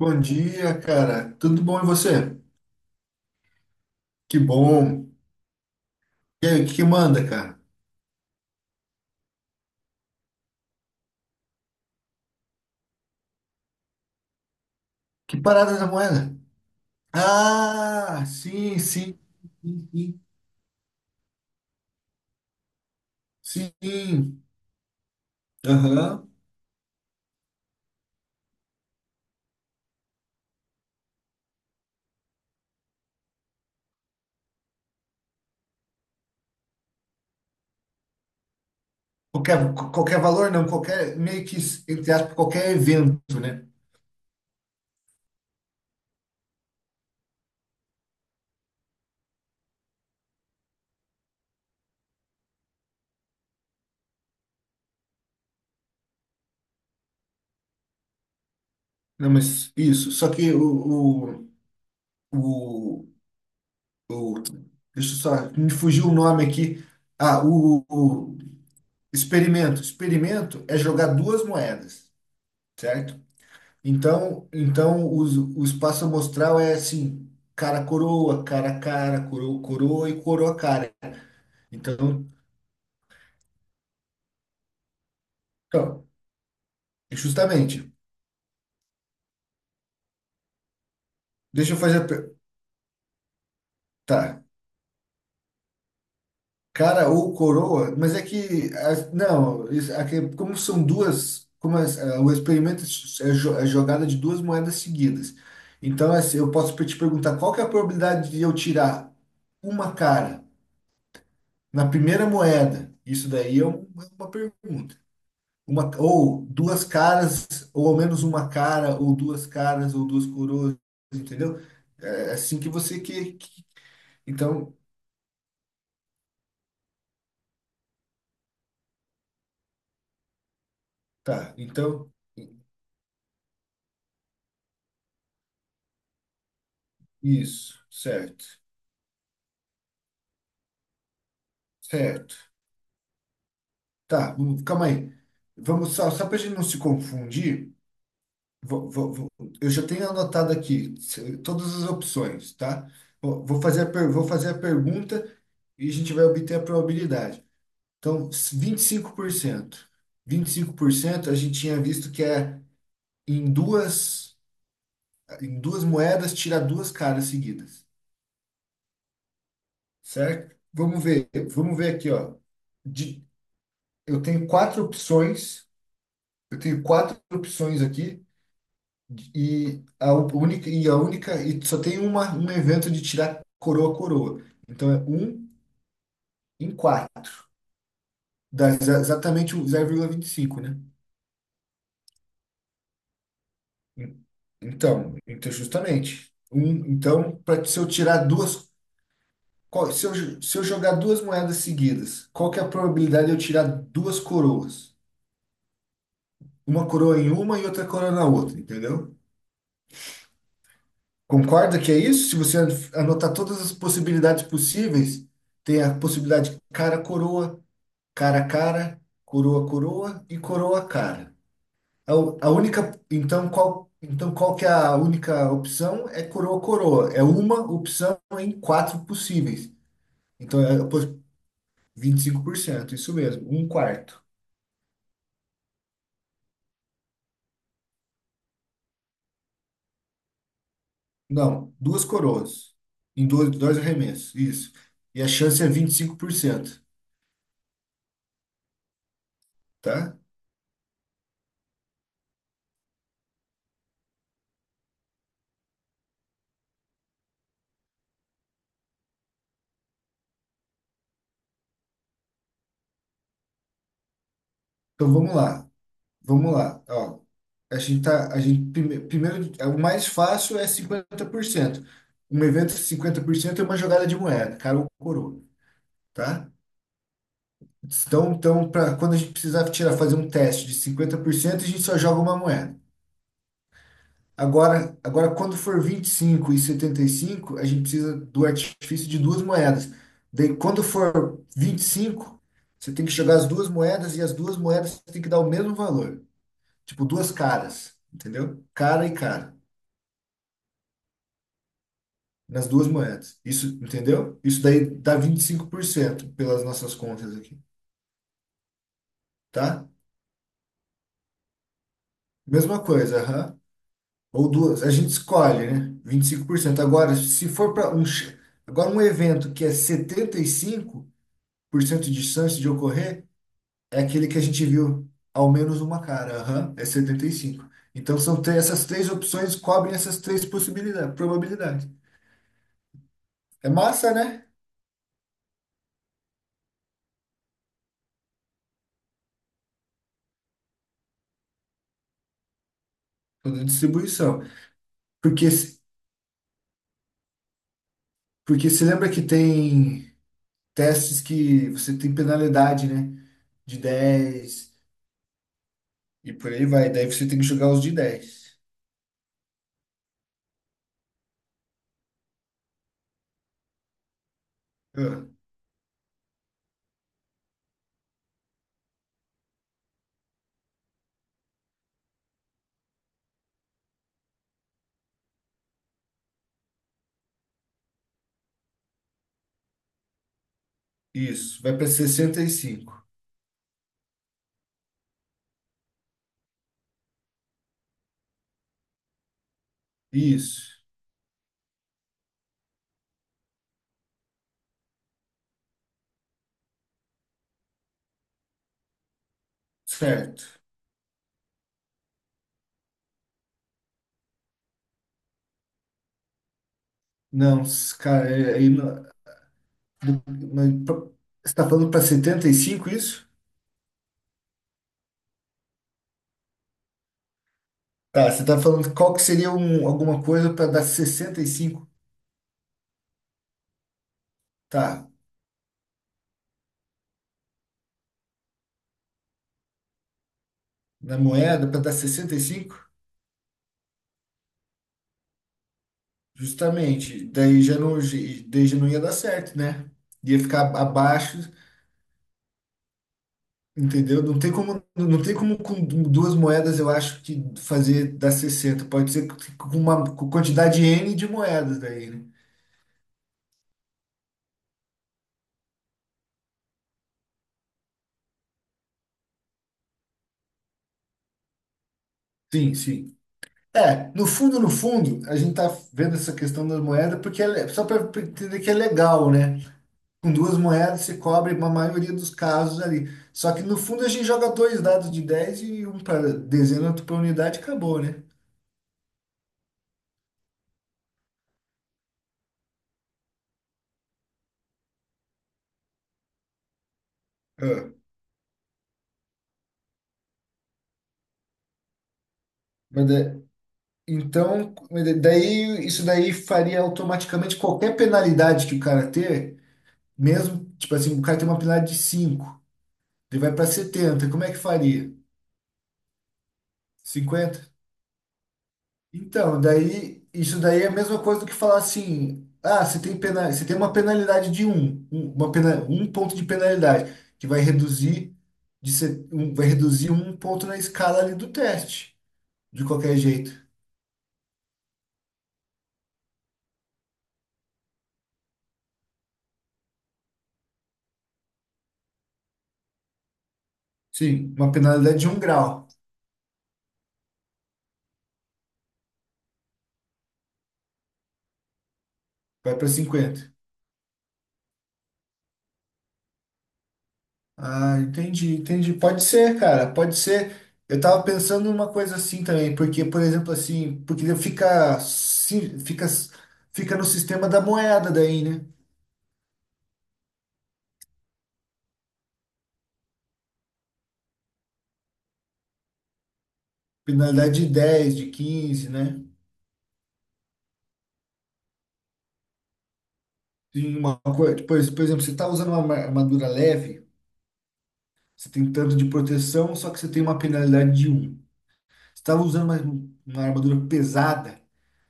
Bom dia, cara. Tudo bom e você? Que bom. E aí, o que que manda, cara? Que parada da moeda? Ah, sim, sim, sim, sim. Sim. Aham. Qualquer valor, não, qualquer, meio que, entre aspas, qualquer evento, né? Não, mas isso. Só que o, o, o- deixa eu só, me fugiu o nome aqui. Ah, o experimento. Experimento é jogar duas moedas, certo? Então o espaço amostral é assim, cara coroa, cara cara, coroa, coroa e coroa cara. Então, então, justamente. Deixa eu fazer a per- Tá, cara ou coroa, mas é que não, aqui, como são duas, ah, o experimento é jogada de duas moedas seguidas. Então, assim, eu posso te perguntar qual que é a probabilidade de eu tirar uma cara na primeira moeda? Isso daí é é uma pergunta. Uma, ou duas caras, ou ao menos uma cara, ou duas caras, ou duas coroas, entendeu? É é assim que você que. Que- Então, tá. Então, isso, certo. Certo. Tá, calma aí. Vamos só, só para a gente não se confundir, vou- vou- vou- eu já tenho anotado aqui todas as opções, tá? Vou fazer vou fazer a pergunta e a gente vai obter a probabilidade. Então, vinte e cinco por cento, 25% a gente tinha visto que é em duas, em duas moedas tirar duas caras seguidas, certo? Vamos ver aqui, ó. De- eu tenho quatro opções, eu tenho quatro opções aqui e a única e só tem uma, um evento de tirar coroa coroa. Então é um em quatro, dá exatamente o zero vírgula vinte e cinco, né? Então, para se eu tirar duas, se eu, se eu jogar duas moedas seguidas, qual que é a probabilidade de eu tirar duas coroas? Uma coroa em uma e outra coroa na outra, entendeu? Concorda que é isso? Se você anotar todas as possibilidades possíveis, tem a possibilidade cara coroa, cara cara, coroa coroa e coroa cara. A única, então qual que é a única opção? É coroa coroa. É uma opção em quatro possíveis. Então é pos- 25% isso mesmo, um quarto. Não, duas coroas em dois, dois arremessos, isso. E a chance é 25%, tá? Então vamos lá, vamos lá. Ó, a gente tá, a gente primeiro, é, o mais fácil é 50%. Um evento 50% é uma jogada de moeda, cara ou coroa, tá? Então pra, quando a gente precisar tirar, fazer um teste de 50% a gente só joga uma moeda. Agora, quando for 25 e 75 a gente precisa do artifício de duas moedas. Daí, quando for 25 você tem que jogar as duas moedas e as duas moedas você tem que dar o mesmo valor. Tipo, duas caras, entendeu? Cara e cara, nas duas moedas. Isso, entendeu? Isso daí dá 25% pelas nossas contas aqui, tá? Mesma coisa, aham. Ou duas, a gente escolhe, né? 25%. Agora, se for para um, agora um evento que é 75 por cento de chance de ocorrer, é aquele que a gente viu ao menos uma cara. Aham, é 75. Então são três, essas três opções cobrem essas três possibilidades, probabilidades. É massa, né? Toda distribuição. Porque se- Porque se lembra que tem testes que você tem penalidade, né? De 10 e por aí vai. Daí você tem que jogar os de 10. Isso, vai para 65. Isso, certo. Não, cara, aí não, você está falando para 75 isso? Tá, você está falando qual que seria um, alguma coisa para dar 65? Tá, na moeda para dar 65, justamente, daí já não, daí já não ia dar certo, né? Ia ficar abaixo, entendeu? Não tem como, não tem como com duas moedas, eu acho que fazer dar 60. Pode ser com uma com quantidade N de moedas daí, né? Sim, sim. É, no fundo, no fundo, a gente tá vendo essa questão das moedas porque é, só para entender que é legal, né? Com duas moedas se cobre uma maioria dos casos ali. Só que no fundo a gente joga dois dados de 10 e um para dezena, outro para unidade, e acabou, né? Ah, Mas da- Então, daí isso daí faria automaticamente qualquer penalidade que o cara ter, mesmo, tipo assim, o cara tem uma penalidade de 5, ele vai para 70, como é que faria? 50. Então, daí, isso daí é a mesma coisa do que falar assim, ah, você tem pena, você tem uma penalidade de um, uma pena, um ponto de penalidade, que vai reduzir de se- um, vai reduzir um ponto na escala ali do teste, de qualquer jeito. Sim, uma penalidade de um grau, vai para 50. Ah, entendi, entendi. Pode ser, cara, pode ser. Eu tava pensando numa coisa assim também, porque, por exemplo, assim, porque fica, fica no sistema da moeda daí, né? Penalidade de 10, de 15, né? Tem uma coisa, por exemplo, você está usando uma armadura leve, você tem tanto de proteção, só que você tem uma penalidade de um. Você estava usando uma armadura pesada,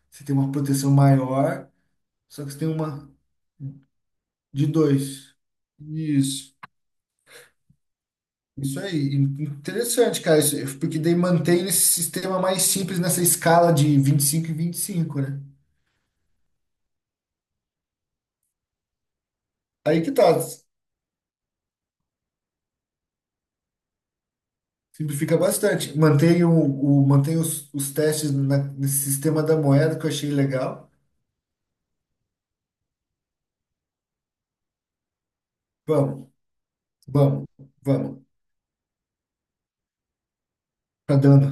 você tem uma proteção maior, só que você tem uma de 2. Isso. Isso aí. Interessante, cara. Isso, porque daí mantém esse sistema mais simples nessa escala de vinte e cinco e vinte e cinco, né? Aí que tá. Simplifica bastante. Mantém, os testes nesse sistema da moeda que eu achei legal. Vamos, vamos, vamos. Tá dando.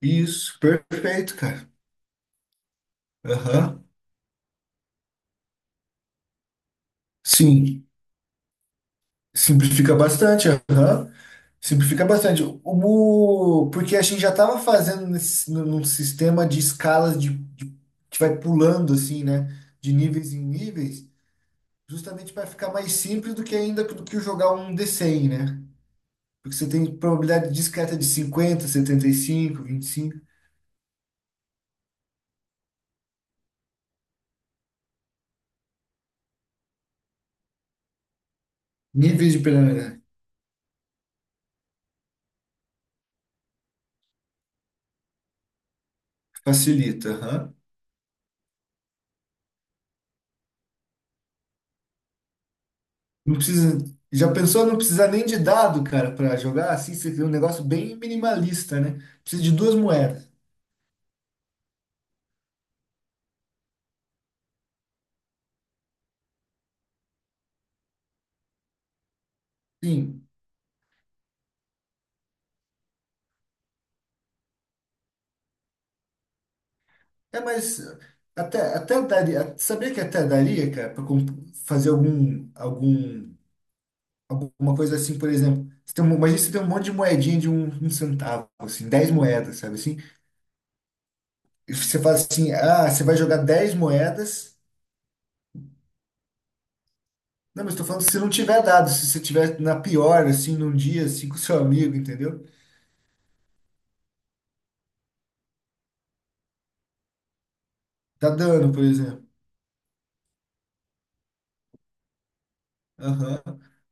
Isso, perfeito, cara. Aham. Sim, simplifica bastante. Aham. Simplifica bastante. O, porque a gente já estava fazendo nesse, num sistema de escalas de, que vai pulando assim, né? De níveis em níveis, justamente para ficar mais simples do que ainda do que jogar um D100, né? Porque você tem probabilidade discreta de 50, 75, 25, níveis de penalidade. Facilita, aham. Não precisa. Já pensou não precisar nem de dado, cara, para jogar assim? Você tem um negócio bem minimalista, né? Precisa de duas moedas. Sim. É, mas até, até daria. Sabia que até daria, cara, para fazer algum, algum, alguma coisa assim, por exemplo. Você tem, imagina você tem um monte de moedinha de um, um centavo, assim, 10 moedas, sabe assim? E você fala assim, ah, você vai jogar 10 moedas. Não, mas estou falando se não tiver dado, se você tiver na pior, assim, num dia, assim, com seu amigo, entendeu? Tá dando, por exemplo. Aham.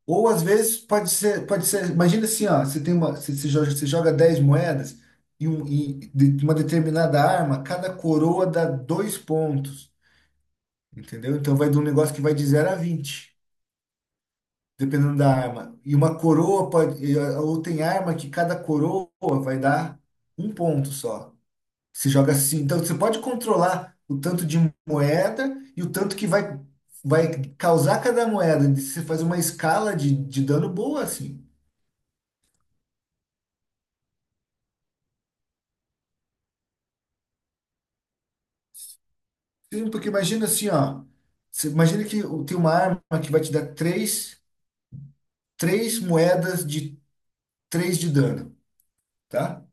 Ou às vezes pode ser, imagina assim, ó, você tem uma, você, você joga 10 moedas e, um, uma determinada arma, cada coroa dá dois pontos, entendeu? Então vai de um negócio que vai de 0 a 20, dependendo da arma. E uma coroa pode, e, ou tem arma que cada coroa vai dar um ponto só. Você joga assim. Então, você pode controlar o tanto de moeda e o tanto que vai, vai causar cada moeda. Você faz uma escala de dano boa, assim. Sim, porque imagina assim, ó. Você imagina que tem uma arma que vai te dar três, três moedas de três de dano, tá?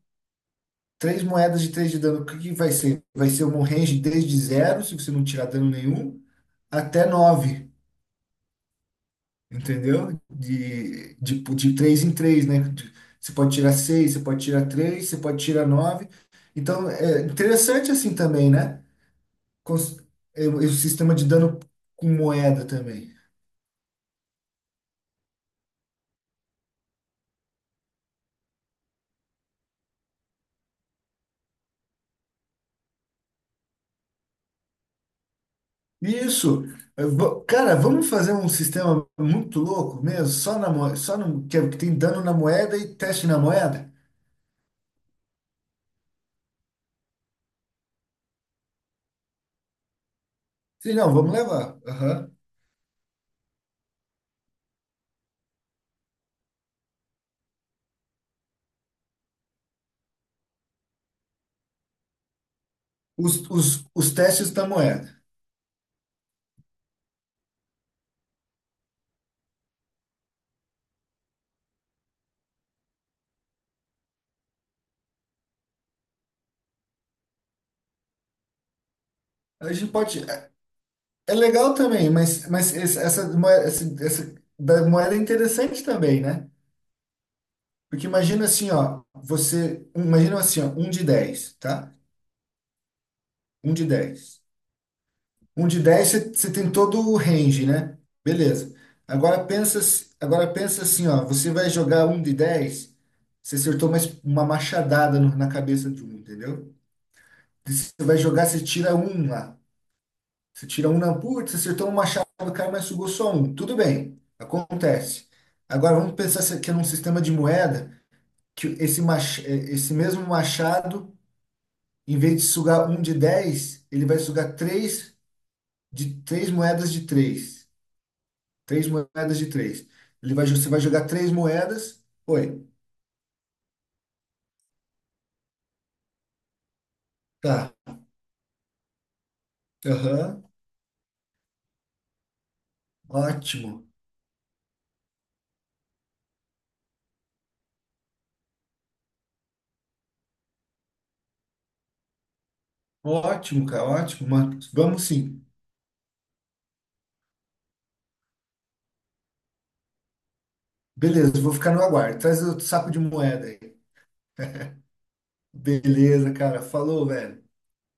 Três moedas de três de dano. O que que vai ser? Vai ser um range desde zero, se você não tirar dano nenhum, até nove. Entendeu? De três em três, né? De- você pode tirar seis, você pode tirar três, você pode tirar nove. Então, é interessante assim também, né? Cons- O é o sistema de dano com moeda também. Isso. Eu vou- cara, vamos fazer um sistema muito louco mesmo, só na moeda, só no, que é, que tem dano na moeda e teste na moeda? Sim, não, vamos levar. Aham. Os testes da moeda. A gente pode. É legal também, mas, essa, moeda, essa da moeda é interessante também, né? Porque imagina assim, ó, você, imagina assim, ó, um de 10, tá? Um de dez. Um de 10, você você tem todo o range, né? Beleza. Agora pensa, agora pensa assim, ó, você vai jogar um de 10, você acertou uma, uma machadada na cabeça de um, entendeu? E você vai jogar, você tira um lá. Você tira um na putz, você acertou um machado do cara, mas sugou só um. Tudo bem, acontece. Agora vamos pensar que é num sistema de moeda que esse, esse mesmo machado, em vez de sugar um de 10, ele vai sugar três de três moedas de três. Três moedas de três. Ele vai, você vai jogar três moedas. Oi. Tá. Aham. Ótimo. Ótimo, cara. Ótimo. Marcos. Vamos sim. Beleza, vou ficar no aguardo. Traz o saco de moeda aí. Beleza, cara. Falou, velho.